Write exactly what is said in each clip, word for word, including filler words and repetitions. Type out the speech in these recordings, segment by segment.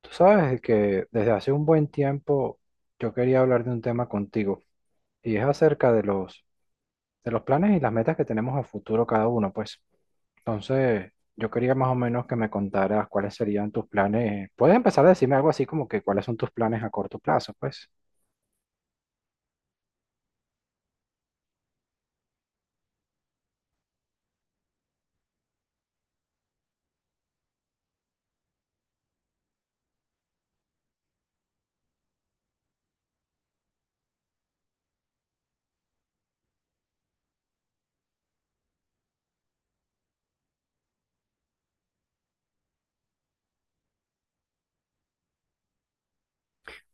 Tú sabes que desde hace un buen tiempo yo quería hablar de un tema contigo y es acerca de los, de los planes y las metas que tenemos a futuro cada uno, pues. Entonces, yo quería más o menos que me contaras cuáles serían tus planes. Puedes empezar a decirme algo así como que cuáles son tus planes a corto plazo, pues.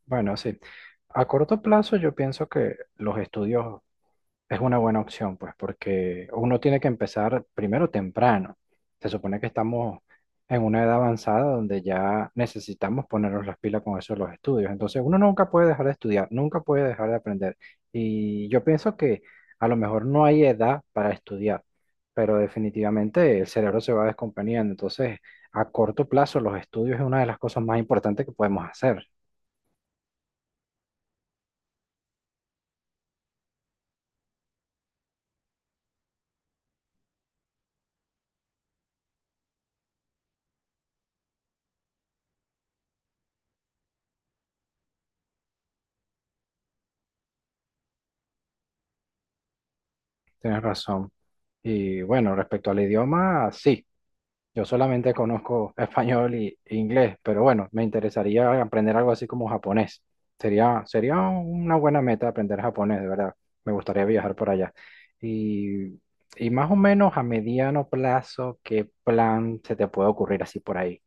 Bueno, sí. A corto plazo yo pienso que los estudios es una buena opción, pues, porque uno tiene que empezar primero temprano. Se supone que estamos en una edad avanzada donde ya necesitamos ponernos las pilas con eso de los estudios. Entonces, uno nunca puede dejar de estudiar, nunca puede dejar de aprender. Y yo pienso que a lo mejor no hay edad para estudiar, pero definitivamente el cerebro se va descomponiendo. Entonces, a corto plazo, los estudios es una de las cosas más importantes que podemos hacer. Tienes razón. Y bueno, respecto al idioma, sí. Yo solamente conozco español y e inglés, pero bueno, me interesaría aprender algo así como japonés. Sería, sería una buena meta aprender japonés, de verdad. Me gustaría viajar por allá. Y, y más o menos a mediano plazo, ¿qué plan se te puede ocurrir así por ahí?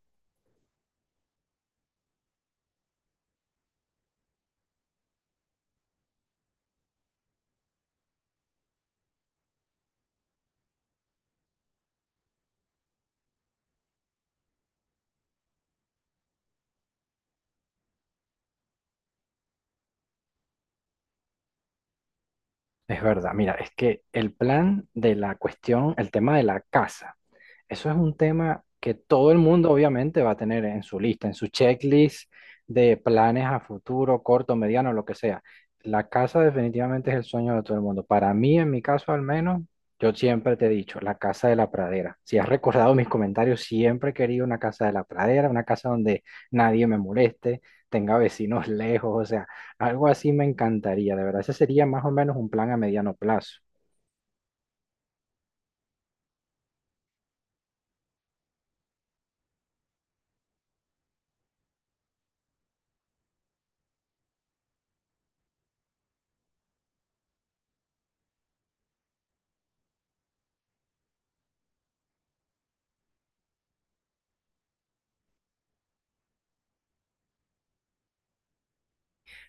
Es verdad, mira, es que el plan de la cuestión, el tema de la casa. Eso es un tema que todo el mundo obviamente va a tener en su lista, en su checklist de planes a futuro, corto, mediano, lo que sea. La casa definitivamente es el sueño de todo el mundo. Para mí, en mi caso al menos, yo siempre te he dicho, la casa de la pradera. Si has recordado mis comentarios, siempre he querido una casa de la pradera, una casa donde nadie me moleste, tenga vecinos lejos, o sea, algo así me encantaría, de verdad. Ese sería más o menos un plan a mediano plazo.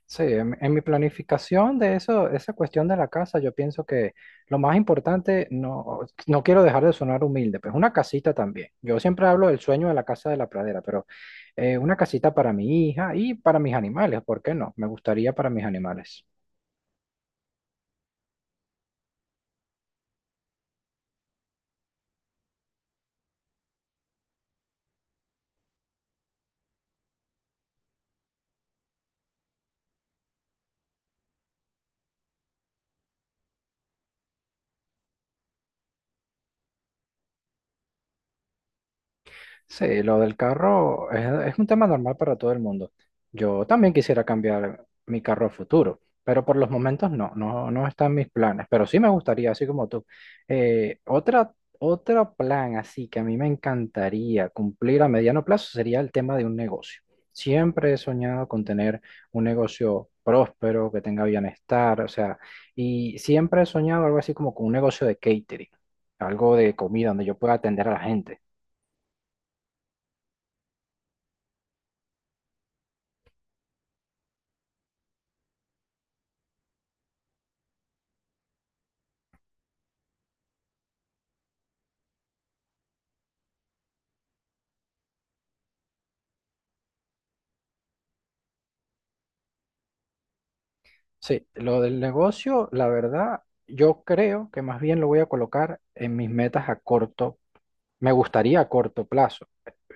Sí, en, en mi planificación de eso, esa cuestión de la casa, yo pienso que lo más importante, no, no quiero dejar de sonar humilde, pues una casita también. Yo siempre hablo del sueño de la casa de la pradera, pero eh, una casita para mi hija y para mis animales, ¿por qué no? Me gustaría para mis animales. Sí, lo del carro es, es un tema normal para todo el mundo. Yo también quisiera cambiar mi carro a futuro, pero por los momentos no, no, no están mis planes, pero sí me gustaría, así como tú. Eh, otra, otro plan así que a mí me encantaría cumplir a mediano plazo sería el tema de un negocio. Siempre he soñado con tener un negocio próspero, que tenga bienestar, o sea, y siempre he soñado algo así como con un negocio de catering, algo de comida donde yo pueda atender a la gente. Sí, lo del negocio, la verdad, yo creo que más bien lo voy a colocar en mis metas a corto, me gustaría a corto plazo,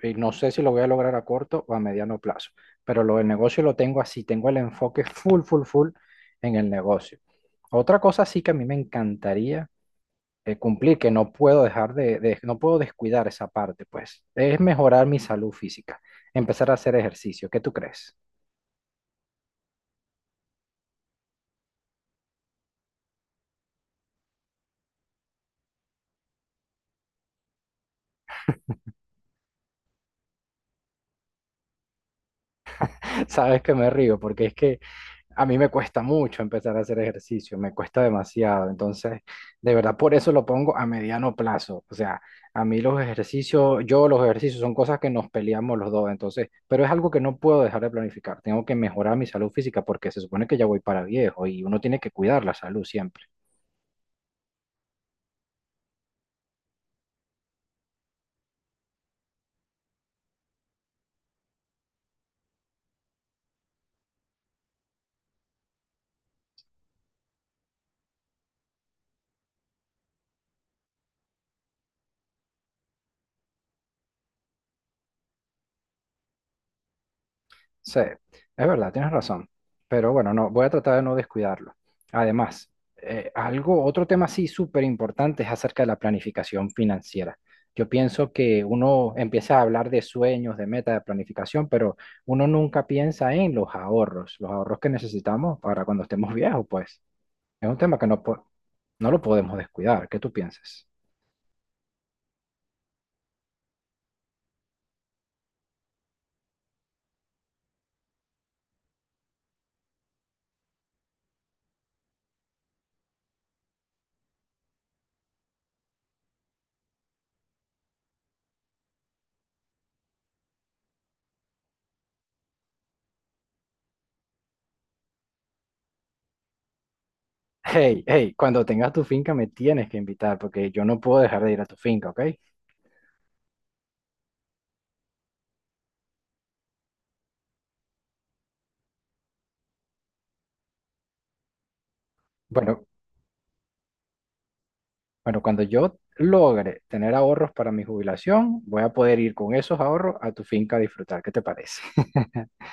y no sé si lo voy a lograr a corto o a mediano plazo, pero lo del negocio lo tengo así, tengo el enfoque full, full, full en el negocio. Otra cosa sí que a mí me encantaría eh, cumplir, que no puedo dejar de, de- no puedo descuidar esa parte, pues, es mejorar mi salud física, empezar a hacer ejercicio. ¿Qué tú crees? Sabes que me río porque es que a mí me cuesta mucho empezar a hacer ejercicio, me cuesta demasiado. Entonces, de verdad, por eso lo pongo a mediano plazo. O sea, a mí los ejercicios, yo los ejercicios son cosas que nos peleamos los dos. Entonces, pero es algo que no puedo dejar de planificar. Tengo que mejorar mi salud física porque se supone que ya voy para viejo y uno tiene que cuidar la salud siempre. Sí, es verdad, tienes razón. Pero bueno, no, voy a tratar de no descuidarlo. Además, eh, algo, otro tema sí súper importante es acerca de la planificación financiera. Yo pienso que uno empieza a hablar de sueños, de metas, de planificación, pero uno nunca piensa en los ahorros, los ahorros que necesitamos para cuando estemos viejos, pues. Es un tema que no, po- no lo podemos descuidar. ¿Qué tú piensas? Hey, hey, cuando tengas tu finca me tienes que invitar porque yo no puedo dejar de ir a tu finca, ¿ok? Bueno, bueno, cuando yo logre tener ahorros para mi jubilación, voy a poder ir con esos ahorros a tu finca a disfrutar. ¿Qué te parece?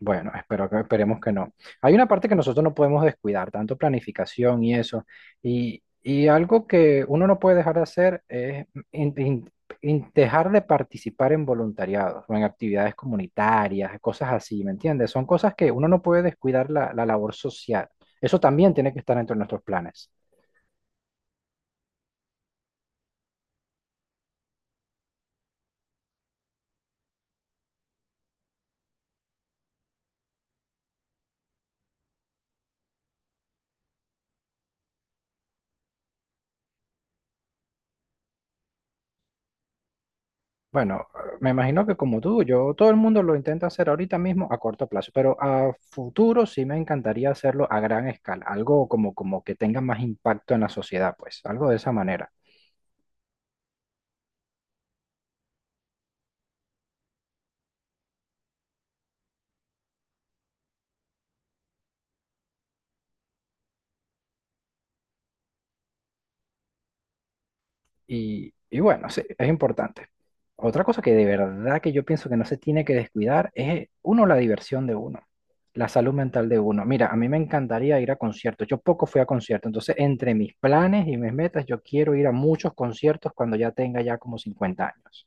Bueno, espero que, esperemos que no. Hay una parte que nosotros no podemos descuidar, tanto planificación y eso. Y, y algo que uno no puede dejar de hacer es in- in- in- dejar de participar en voluntariados o en actividades comunitarias, cosas así, ¿me entiendes? Son cosas que uno no puede descuidar la, la labor social. Eso también tiene que estar dentro de nuestros planes. Bueno, me imagino que como tú, yo, todo el mundo lo intenta hacer ahorita mismo a corto plazo, pero a futuro sí me encantaría hacerlo a gran escala, algo como, como que tenga más impacto en la sociedad, pues, algo de esa manera. Y, y bueno, sí, es importante. Otra cosa que de verdad que yo pienso que no se tiene que descuidar es, uno, la diversión de uno, la salud mental de uno. Mira, a mí me encantaría ir a conciertos, yo poco fui a conciertos, entonces entre mis planes y mis metas, yo quiero ir a muchos conciertos cuando ya tenga ya como cincuenta años.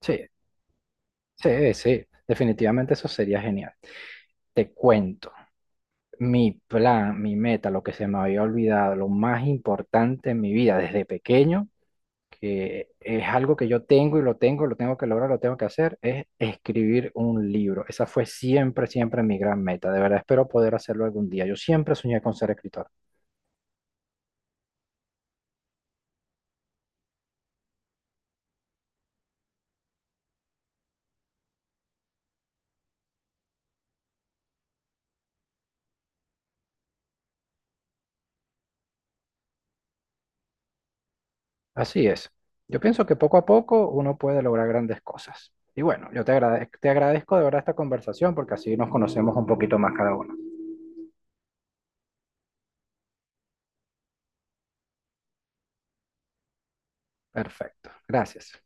Sí, sí, sí, definitivamente eso sería genial. Te cuento, mi plan, mi meta, lo que se me había olvidado, lo más importante en mi vida desde pequeño, que es algo que yo tengo y lo tengo, lo tengo que lograr, lo tengo que hacer, es escribir un libro. Esa fue siempre, siempre mi gran meta. De verdad, espero poder hacerlo algún día. Yo siempre soñé con ser escritor. Así es. Yo pienso que poco a poco uno puede lograr grandes cosas. Y bueno, yo te agradezco, te agradezco de verdad esta conversación porque así nos conocemos un poquito más cada uno. Perfecto, gracias.